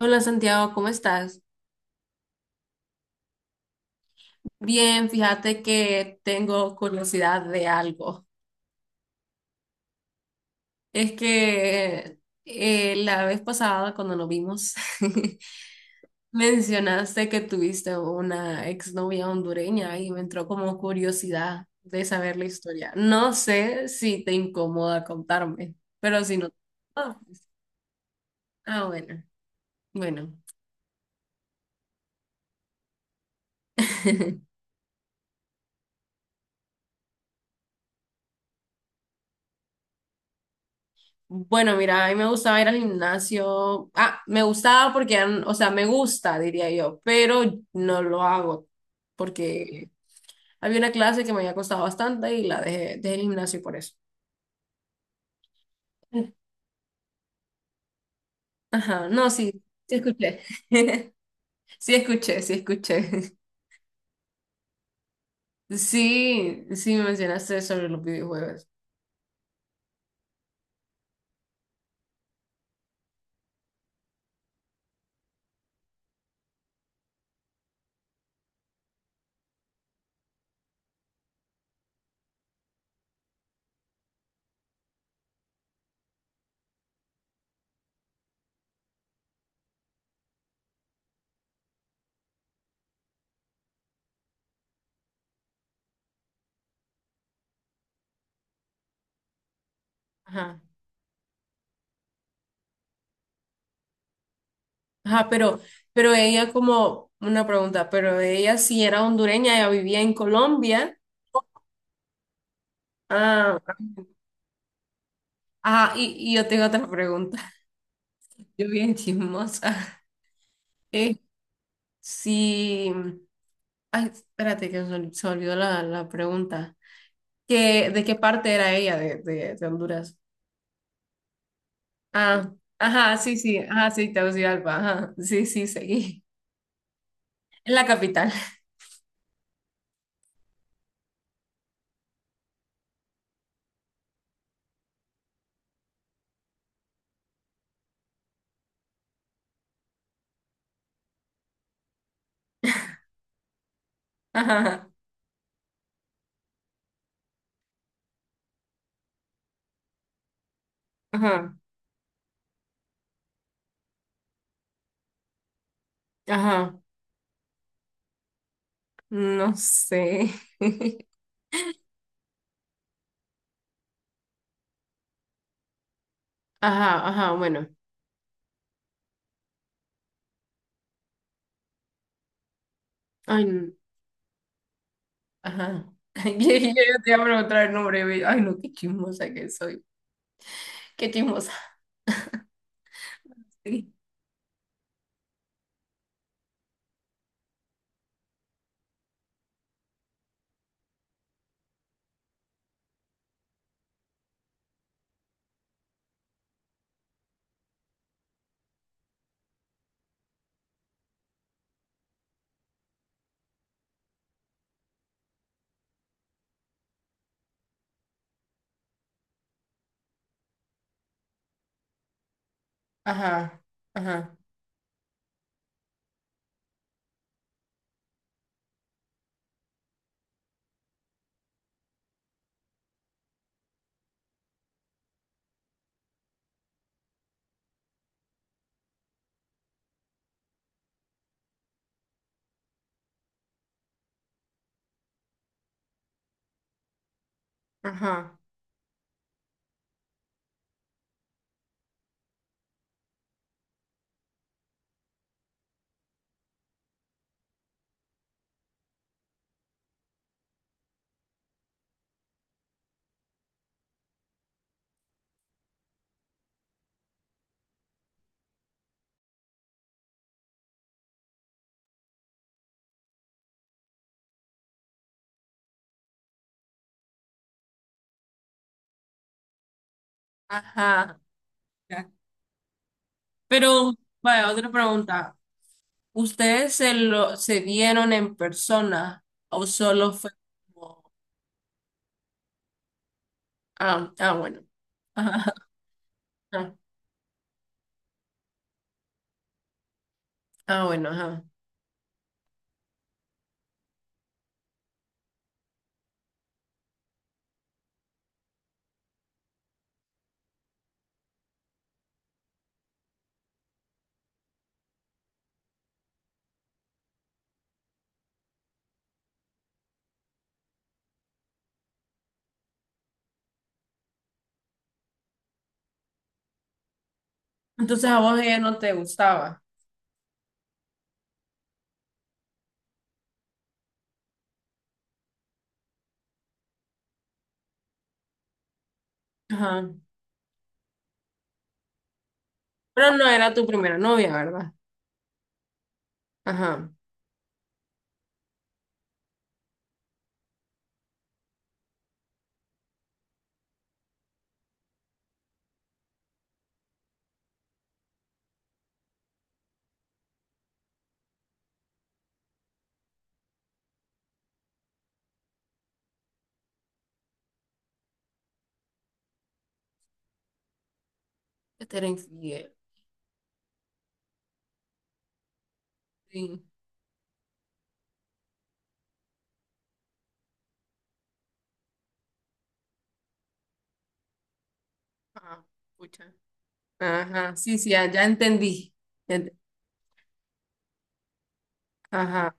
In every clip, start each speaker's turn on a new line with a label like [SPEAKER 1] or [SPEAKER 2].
[SPEAKER 1] Hola Santiago, ¿cómo estás? Bien, fíjate que tengo curiosidad de algo. Es que la vez pasada cuando nos vimos mencionaste que tuviste una exnovia hondureña y me entró como curiosidad de saber la historia. No sé si te incomoda contarme, pero si no... Ah, ah, bueno. Bueno, mira, a mí me gustaba ir al gimnasio. Ah, me gustaba porque, o sea, me gusta, diría yo, pero no lo hago porque había una clase que me había costado bastante y dejé el gimnasio por eso. Ajá, no, sí, sí escuché. Sí escuché, sí escuché. Sí, sí me mencionaste sobre los videojuegos. Ajá. Ajá, pero ella como una pregunta, pero ella sí era hondureña, ella vivía en Colombia. Ah, ajá, y yo tengo otra pregunta. Yo bien chismosa. Eh, sí. Ay, espérate que se olvidó la pregunta. ¿ De qué parte era ella de Honduras? Ah, ajá, sí, sí, ajá, sí, Tegucigalpa, ajá, sí, sí, seguí. En la capital. Ajá, ajá, ajá, no sé. Ajá, ajá, bueno. Ay, n- ajá. Yo, yo te iba a preguntar el nombre. Güey. Ay, no, qué chismosa que soy. Qué chismosa. Sí. Ajá, ajá, ajá. Ajá. Ya. Pero, vaya, otra pregunta. ¿Ustedes se vieron en persona o solo fue como... Ah, ah, bueno. Ajá, ajá. Ah, bueno, ajá. Entonces a vos ella no te gustaba. Ajá. Pero no era tu primera novia, ¿verdad? Ajá. Que te era infiel. Sí. Ah. Pucha. Ajá. Sí, sí, ya, ya entendí. Ya ent- Ajá.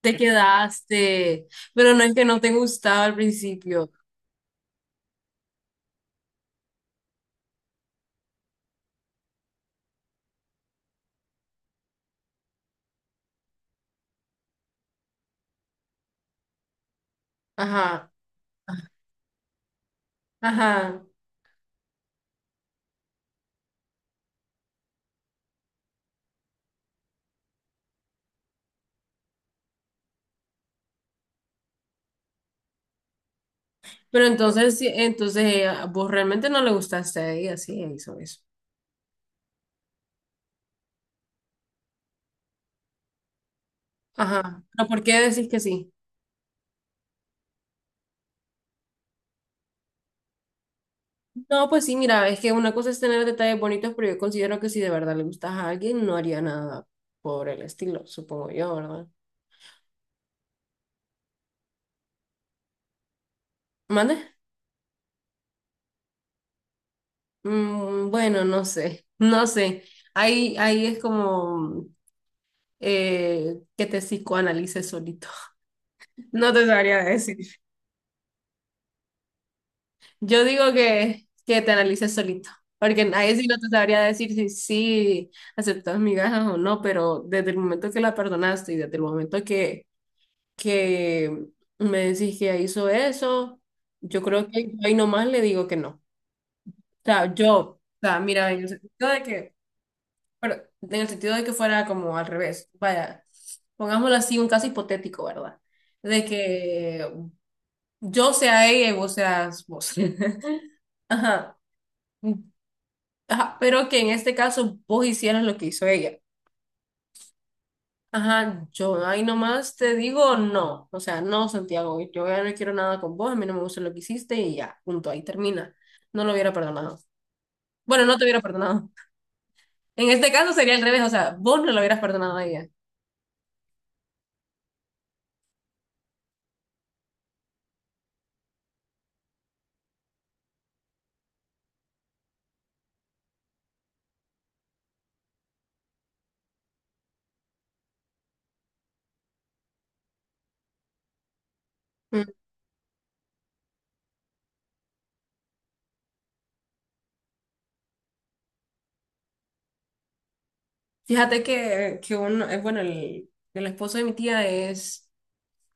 [SPEAKER 1] Te quedaste. Pero no es que no te gustaba al principio. Ajá. Ajá. Pero entonces, sí, entonces vos realmente no le gustaste a ella, sí, ella hizo eso. Ajá. ¿Pero por qué decís que sí? No, pues sí, mira, es que una cosa es tener detalles bonitos, pero yo considero que si de verdad le gustas a alguien, no haría nada por el estilo, supongo yo, ¿verdad? ¿Mande? Mm, bueno, no sé, no sé. Ahí es como que te psicoanalices solito. No te sabría decir. Yo digo que te analices solito, porque nadie sí no te sabría decir si sí aceptas migajas o no, pero desde el momento que la perdonaste y desde el momento que me decís que hizo eso, yo creo que yo ahí nomás le digo que no. O sea, o sea, mira, en el sentido de que, pero en el sentido de que fuera como al revés, vaya, pongámoslo así, un caso hipotético, ¿verdad? De que yo sea ella y vos seas vos. Ajá. Ajá, pero que en este caso vos hicieras lo que hizo ella. Ajá, yo ahí nomás te digo no. O sea, no, Santiago, yo ya no quiero nada con vos, a mí no me gusta lo que hiciste y ya, punto, ahí termina. No lo hubiera perdonado. Bueno, no te hubiera perdonado. En este caso sería al revés, o sea, vos no lo hubieras perdonado a ella. Mm. Fíjate que uno, bueno, el esposo de mi tía es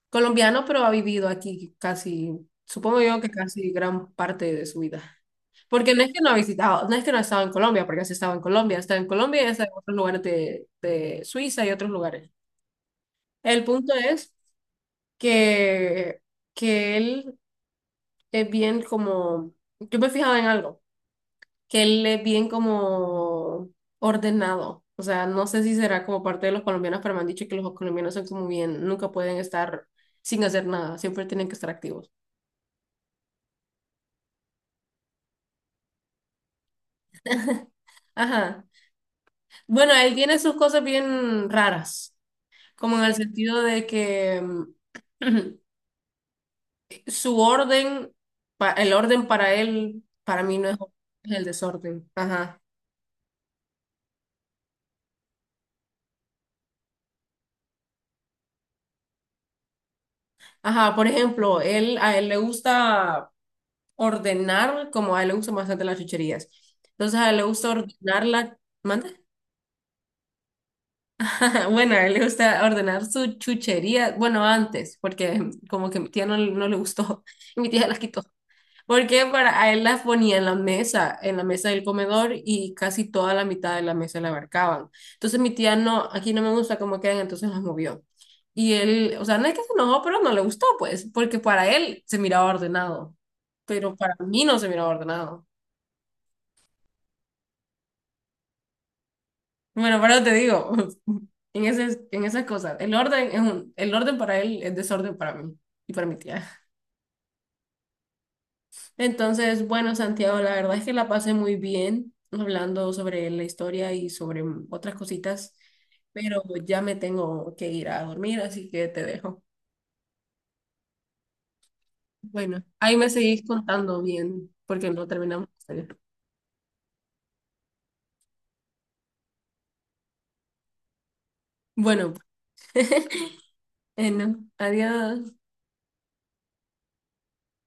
[SPEAKER 1] colombiano, pero ha vivido aquí casi, supongo yo que casi gran parte de su vida. Porque no es que no ha visitado, no es que no ha estado en Colombia, porque sí estaba en Colombia, está en Colombia y está en otros lugares de Suiza y otros lugares. El punto es que, que él es bien como, yo me he fijado en algo, que él es bien como ordenado. O sea, no sé si será como parte de los colombianos, pero me han dicho que los colombianos son como bien, nunca pueden estar sin hacer nada, siempre tienen que estar activos. Ajá. Bueno, él tiene sus cosas bien raras, como en el sentido de que su orden, el orden para él, para mí no es orden, es el desorden. Ajá. Ajá, por ejemplo, a él le gusta ordenar, como a él le gustan bastante las chucherías. Entonces a él le gusta ordenar la... ¿Manda? Bueno, a él le gusta ordenar su chuchería. Bueno, antes, porque como que mi tía no, no le gustó y mi tía las quitó. Porque para a él las ponía en la mesa del comedor y casi toda la mitad de la mesa la abarcaban. Entonces mi tía no, aquí no me gusta cómo quedan, entonces las movió. Y él, o sea, no es que se enojó, pero no le gustó, pues, porque para él se miraba ordenado, pero para mí no se miraba ordenado. Bueno, pero te digo, en en esas cosas, el orden es un, el orden para él es desorden para mí y para mi tía. Entonces, bueno, Santiago, la verdad es que la pasé muy bien hablando sobre la historia y sobre otras cositas, pero ya me tengo que ir a dormir, así que te dejo. Bueno, ahí me seguís contando bien, porque no terminamos de hacer. Bueno, no, adiós.